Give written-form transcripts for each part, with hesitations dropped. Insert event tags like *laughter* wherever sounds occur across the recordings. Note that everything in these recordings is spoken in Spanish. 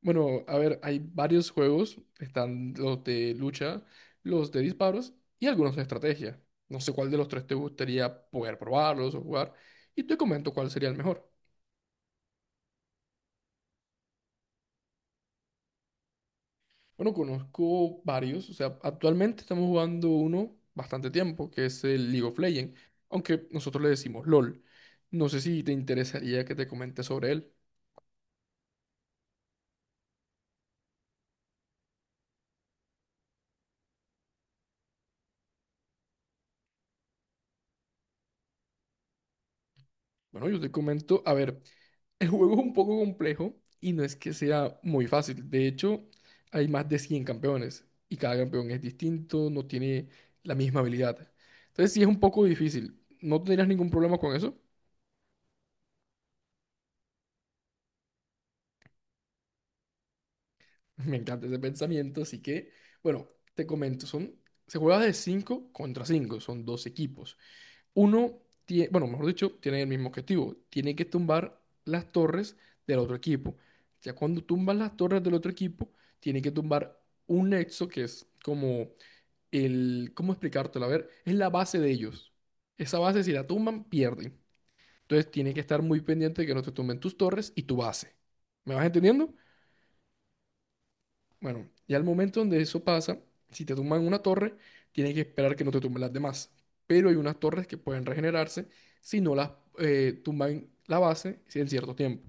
Bueno, a ver, hay varios juegos. Están los de lucha, los de disparos y algunos de estrategia. No sé cuál de los tres te gustaría poder probarlos o jugar. Y te comento cuál sería el mejor. Bueno, conozco varios. O sea, actualmente estamos jugando uno bastante tiempo, que es el League of Legends. Aunque nosotros le decimos LOL. No sé si te interesaría que te comente sobre él. Bueno, yo te comento. A ver. El juego es un poco complejo y no es que sea muy fácil. De hecho, hay más de 100 campeones y cada campeón es distinto, no tiene la misma habilidad. Entonces, sí es un poco difícil. ¿No tendrías ningún problema con eso? *laughs* Me encanta ese pensamiento, así que, bueno, te comento, son, se juega de 5 contra 5, son dos equipos. Uno tiene, bueno, mejor dicho, tiene el mismo objetivo. Tiene que tumbar las torres del otro equipo. Ya cuando tumban las torres del otro equipo, tiene que tumbar un nexo que es como el, ¿cómo explicártelo? A ver, es la base de ellos. Esa base, si la tumban, pierden. Entonces, tiene que estar muy pendiente de que no te tumben tus torres y tu base. ¿Me vas entendiendo? Bueno, y al momento donde eso pasa, si te tumban una torre, tienes que esperar que no te tumben las demás. Pero hay unas torres que pueden regenerarse si no las tumban la base en cierto tiempo.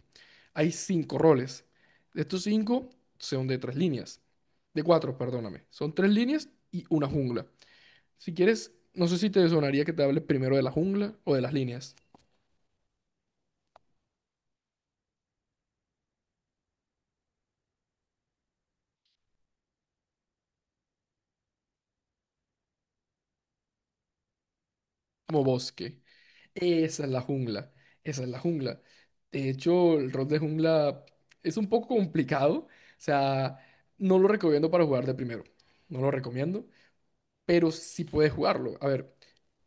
Hay cinco roles. De estos cinco son de tres líneas. De cuatro, perdóname. Son tres líneas y una jungla. Si quieres, no sé si te sonaría que te hable primero de la jungla o de las líneas. Como bosque. Esa es la jungla, esa es la jungla. De hecho, el rol de jungla es un poco complicado, o sea, no lo recomiendo para jugar de primero, no lo recomiendo, pero sí puedes jugarlo. A ver,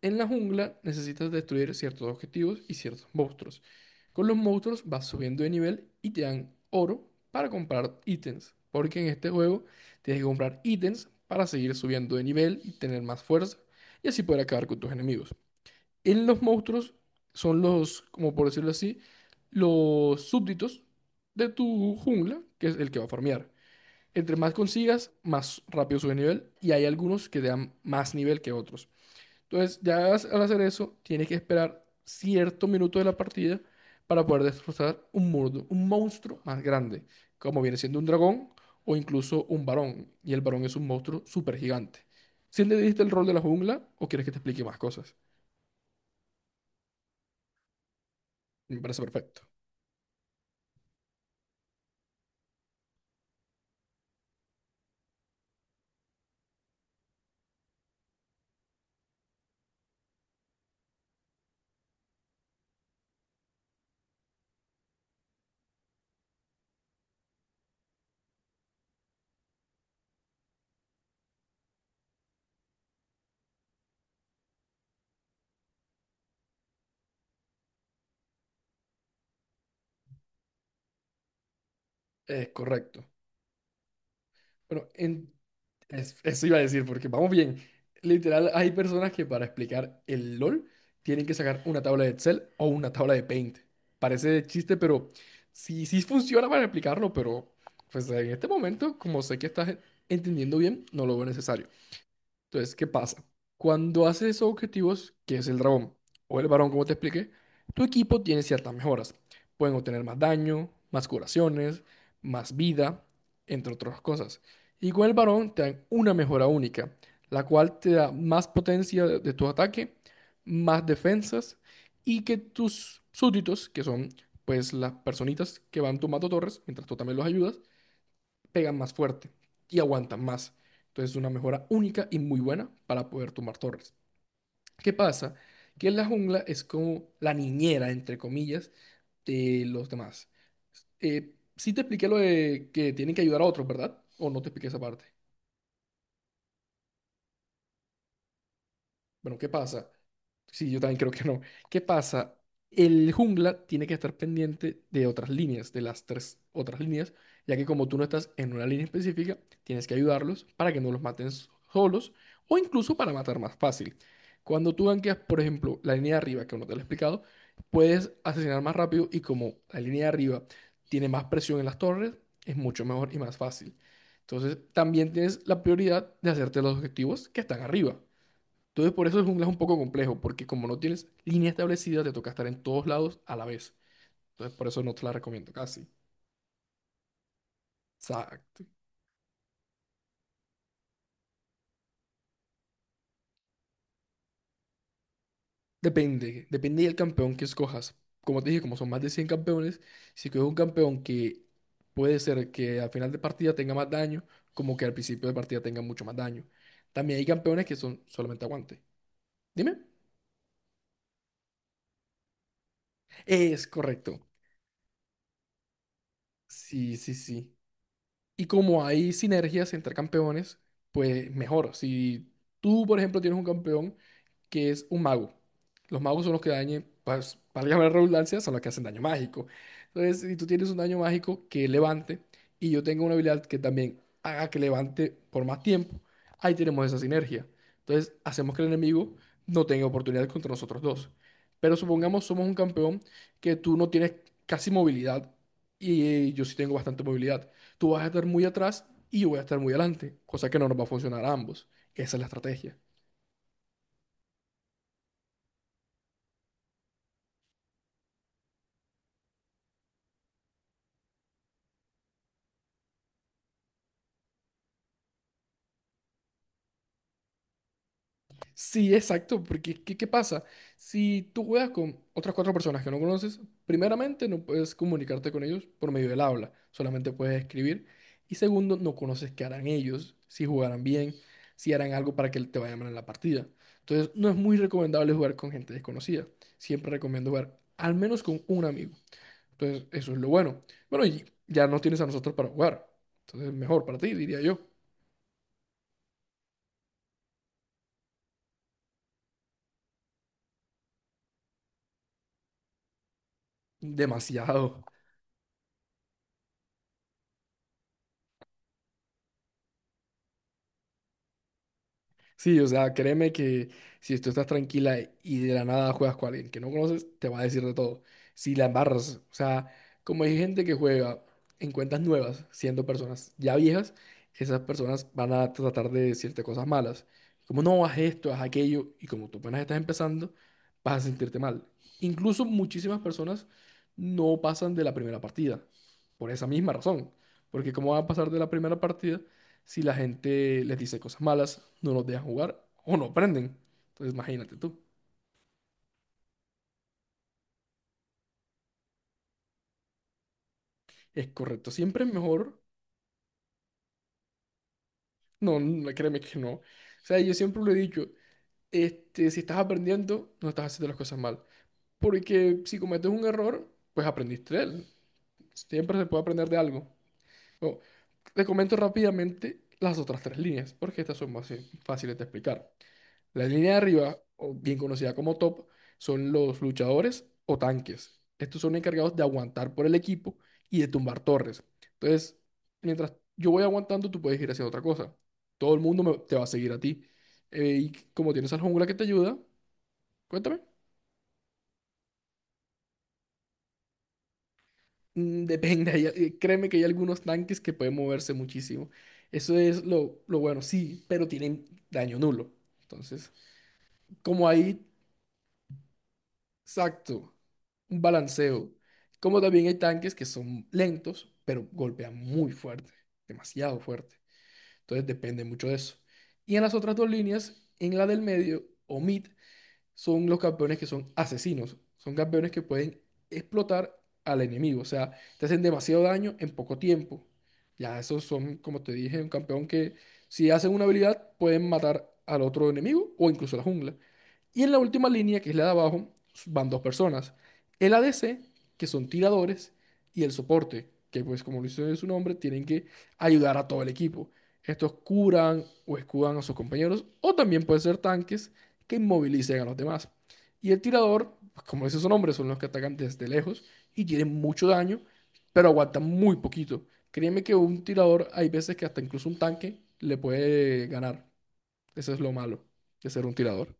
en la jungla necesitas destruir ciertos objetivos y ciertos monstruos. Con los monstruos vas subiendo de nivel y te dan oro para comprar ítems, porque en este juego tienes que comprar ítems para seguir subiendo de nivel y tener más fuerza y así poder acabar con tus enemigos. En los monstruos son los, como por decirlo así, los súbditos de tu jungla, que es el que va a farmear. Entre más consigas, más rápido sube nivel y hay algunos que te dan más nivel que otros. Entonces, ya al hacer eso, tienes que esperar cierto minuto de la partida para poder destrozar un muro, un monstruo más grande, como viene siendo un dragón o incluso un varón. Y el varón es un monstruo súper gigante. ¿Si entendiste el rol de la jungla o quieres que te explique más cosas? Me parece perfecto. Correcto. Bueno, eso iba a decir, porque vamos bien. Literal, hay personas que para explicar el LOL tienen que sacar una tabla de Excel o una tabla de Paint. Parece chiste, pero sí, sí funciona para explicarlo, pero pues en este momento, como sé que estás entendiendo bien, no lo veo necesario. Entonces, ¿qué pasa? Cuando haces esos objetivos, que es el dragón o el varón, como te expliqué, tu equipo tiene ciertas mejoras. Pueden obtener más daño, más curaciones, más vida, entre otras cosas. Y con el varón te dan una mejora única, la cual te da más potencia de tu ataque, más defensas y que tus súbditos, que son pues las personitas que van tomando torres, mientras tú también los ayudas, pegan más fuerte y aguantan más. Entonces es una mejora única y muy buena para poder tumbar torres. ¿Qué pasa? Que la jungla es como la niñera, entre comillas, de los demás. Sí te expliqué lo de que tienen que ayudar a otros, ¿verdad? ¿O no te expliqué esa parte? Bueno, ¿qué pasa? Sí, yo también creo que no. ¿Qué pasa? El jungla tiene que estar pendiente de otras líneas, de las tres otras líneas, ya que como tú no estás en una línea específica, tienes que ayudarlos para que no los maten solos o incluso para matar más fácil. Cuando tú gankeas, por ejemplo, la línea de arriba, que aún no te lo he explicado, puedes asesinar más rápido y como la línea de arriba tiene más presión en las torres, es mucho mejor y más fácil. Entonces, también tienes la prioridad de hacerte los objetivos que están arriba. Entonces, por eso el jungla es un poco complejo, porque como no tienes línea establecida, te toca estar en todos lados a la vez. Entonces, por eso no te la recomiendo casi. Exacto. Depende, depende del campeón que escojas. Como te dije, como son más de 100 campeones, si coges un campeón que puede ser que al final de partida tenga más daño, como que al principio de partida tenga mucho más daño. También hay campeones que son solamente aguante. Dime. Es correcto. Sí, sí, sí. Y como hay sinergias entre campeones, pues mejor. Si tú, por ejemplo, tienes un campeón que es un mago, los magos son los que dañen, pues, para llamar redundancia, son los que hacen daño mágico. Entonces, si tú tienes un daño mágico que levante y yo tengo una habilidad que también haga que levante por más tiempo, ahí tenemos esa sinergia. Entonces, hacemos que el enemigo no tenga oportunidad contra nosotros dos. Pero supongamos somos un campeón que tú no tienes casi movilidad y yo sí tengo bastante movilidad tú vas a estar muy atrás y yo voy a estar muy adelante, cosa que no nos va a funcionar a ambos. Esa es la estrategia. Sí, exacto, porque ¿qué, qué pasa? Si tú juegas con otras cuatro personas que no conoces, primeramente no puedes comunicarte con ellos por medio del habla, solamente puedes escribir. Y segundo, no conoces qué harán ellos, si jugarán bien, si harán algo para que te vaya mal en la partida. Entonces, no es muy recomendable jugar con gente desconocida. Siempre recomiendo jugar al menos con un amigo. Entonces, eso es lo bueno. Bueno, y ya no tienes a nosotros para jugar. Entonces, mejor para ti, diría yo. Demasiado. Sí, o sea, créeme que si tú estás tranquila y de la nada juegas con alguien que no conoces, te va a decir de todo. Si la embarras, o sea, como hay gente que juega en cuentas nuevas, siendo personas ya viejas, esas personas van a tratar de decirte cosas malas. Como no, haz esto, haz aquello, y como tú apenas estás empezando, vas a sentirte mal. Incluso muchísimas personas no pasan de la primera partida, por esa misma razón. Porque ¿cómo van a pasar de la primera partida si la gente les dice cosas malas, no los dejan jugar o no aprenden. Entonces, imagínate tú. Es correcto, siempre es mejor. No, no, créeme que no. O sea, yo siempre lo he dicho, este, si estás aprendiendo, no estás haciendo las cosas mal. Porque si cometes un error, pues aprendiste de él. Siempre se puede aprender de algo. Bueno, te comento rápidamente las otras tres líneas, porque estas son más fáciles de explicar. La línea de arriba, o bien conocida como top, son los luchadores o tanques. Estos son encargados de aguantar por el equipo y de tumbar torres. Entonces, mientras yo voy aguantando, tú puedes ir haciendo otra cosa. Todo el mundo te va a seguir a ti. Y como tienes al jungla que te ayuda, cuéntame. Mm, depende, créeme que hay algunos tanques que pueden moverse muchísimo. Eso es lo bueno, sí, pero tienen daño nulo. Entonces, como ahí exacto, un balanceo. Como también hay tanques que son lentos, pero golpean muy fuerte, demasiado fuerte. Entonces depende mucho de eso. Y en las otras dos líneas, en la del medio, o mid, son los campeones que son asesinos. Son campeones que pueden explotar al enemigo. O sea, te hacen demasiado daño en poco tiempo. Ya esos son, como te dije, un campeón que si hacen una habilidad pueden matar al otro enemigo o incluso a la jungla. Y en la última línea, que es la de abajo, van dos personas. El ADC, que son tiradores, y el soporte, que pues como lo dice su nombre, tienen que ayudar a todo el equipo. Estos curan o escudan a sus compañeros, o también pueden ser tanques que inmovilicen a los demás. Y el tirador, pues, como dice su nombre, son los que atacan desde lejos y tienen mucho daño, pero aguantan muy poquito. Créeme que un tirador, hay veces que hasta incluso un tanque le puede ganar. Eso es lo malo de ser un tirador.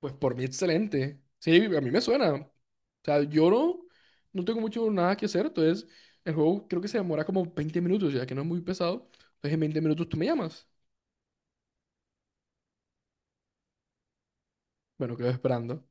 Pues por mí, excelente. Sí, a mí me suena. O sea, yo no, no tengo mucho nada que hacer. Entonces, el juego creo que se demora como 20 minutos, ya que no es muy pesado. Entonces, en 20 minutos tú me llamas. Bueno, quedo esperando.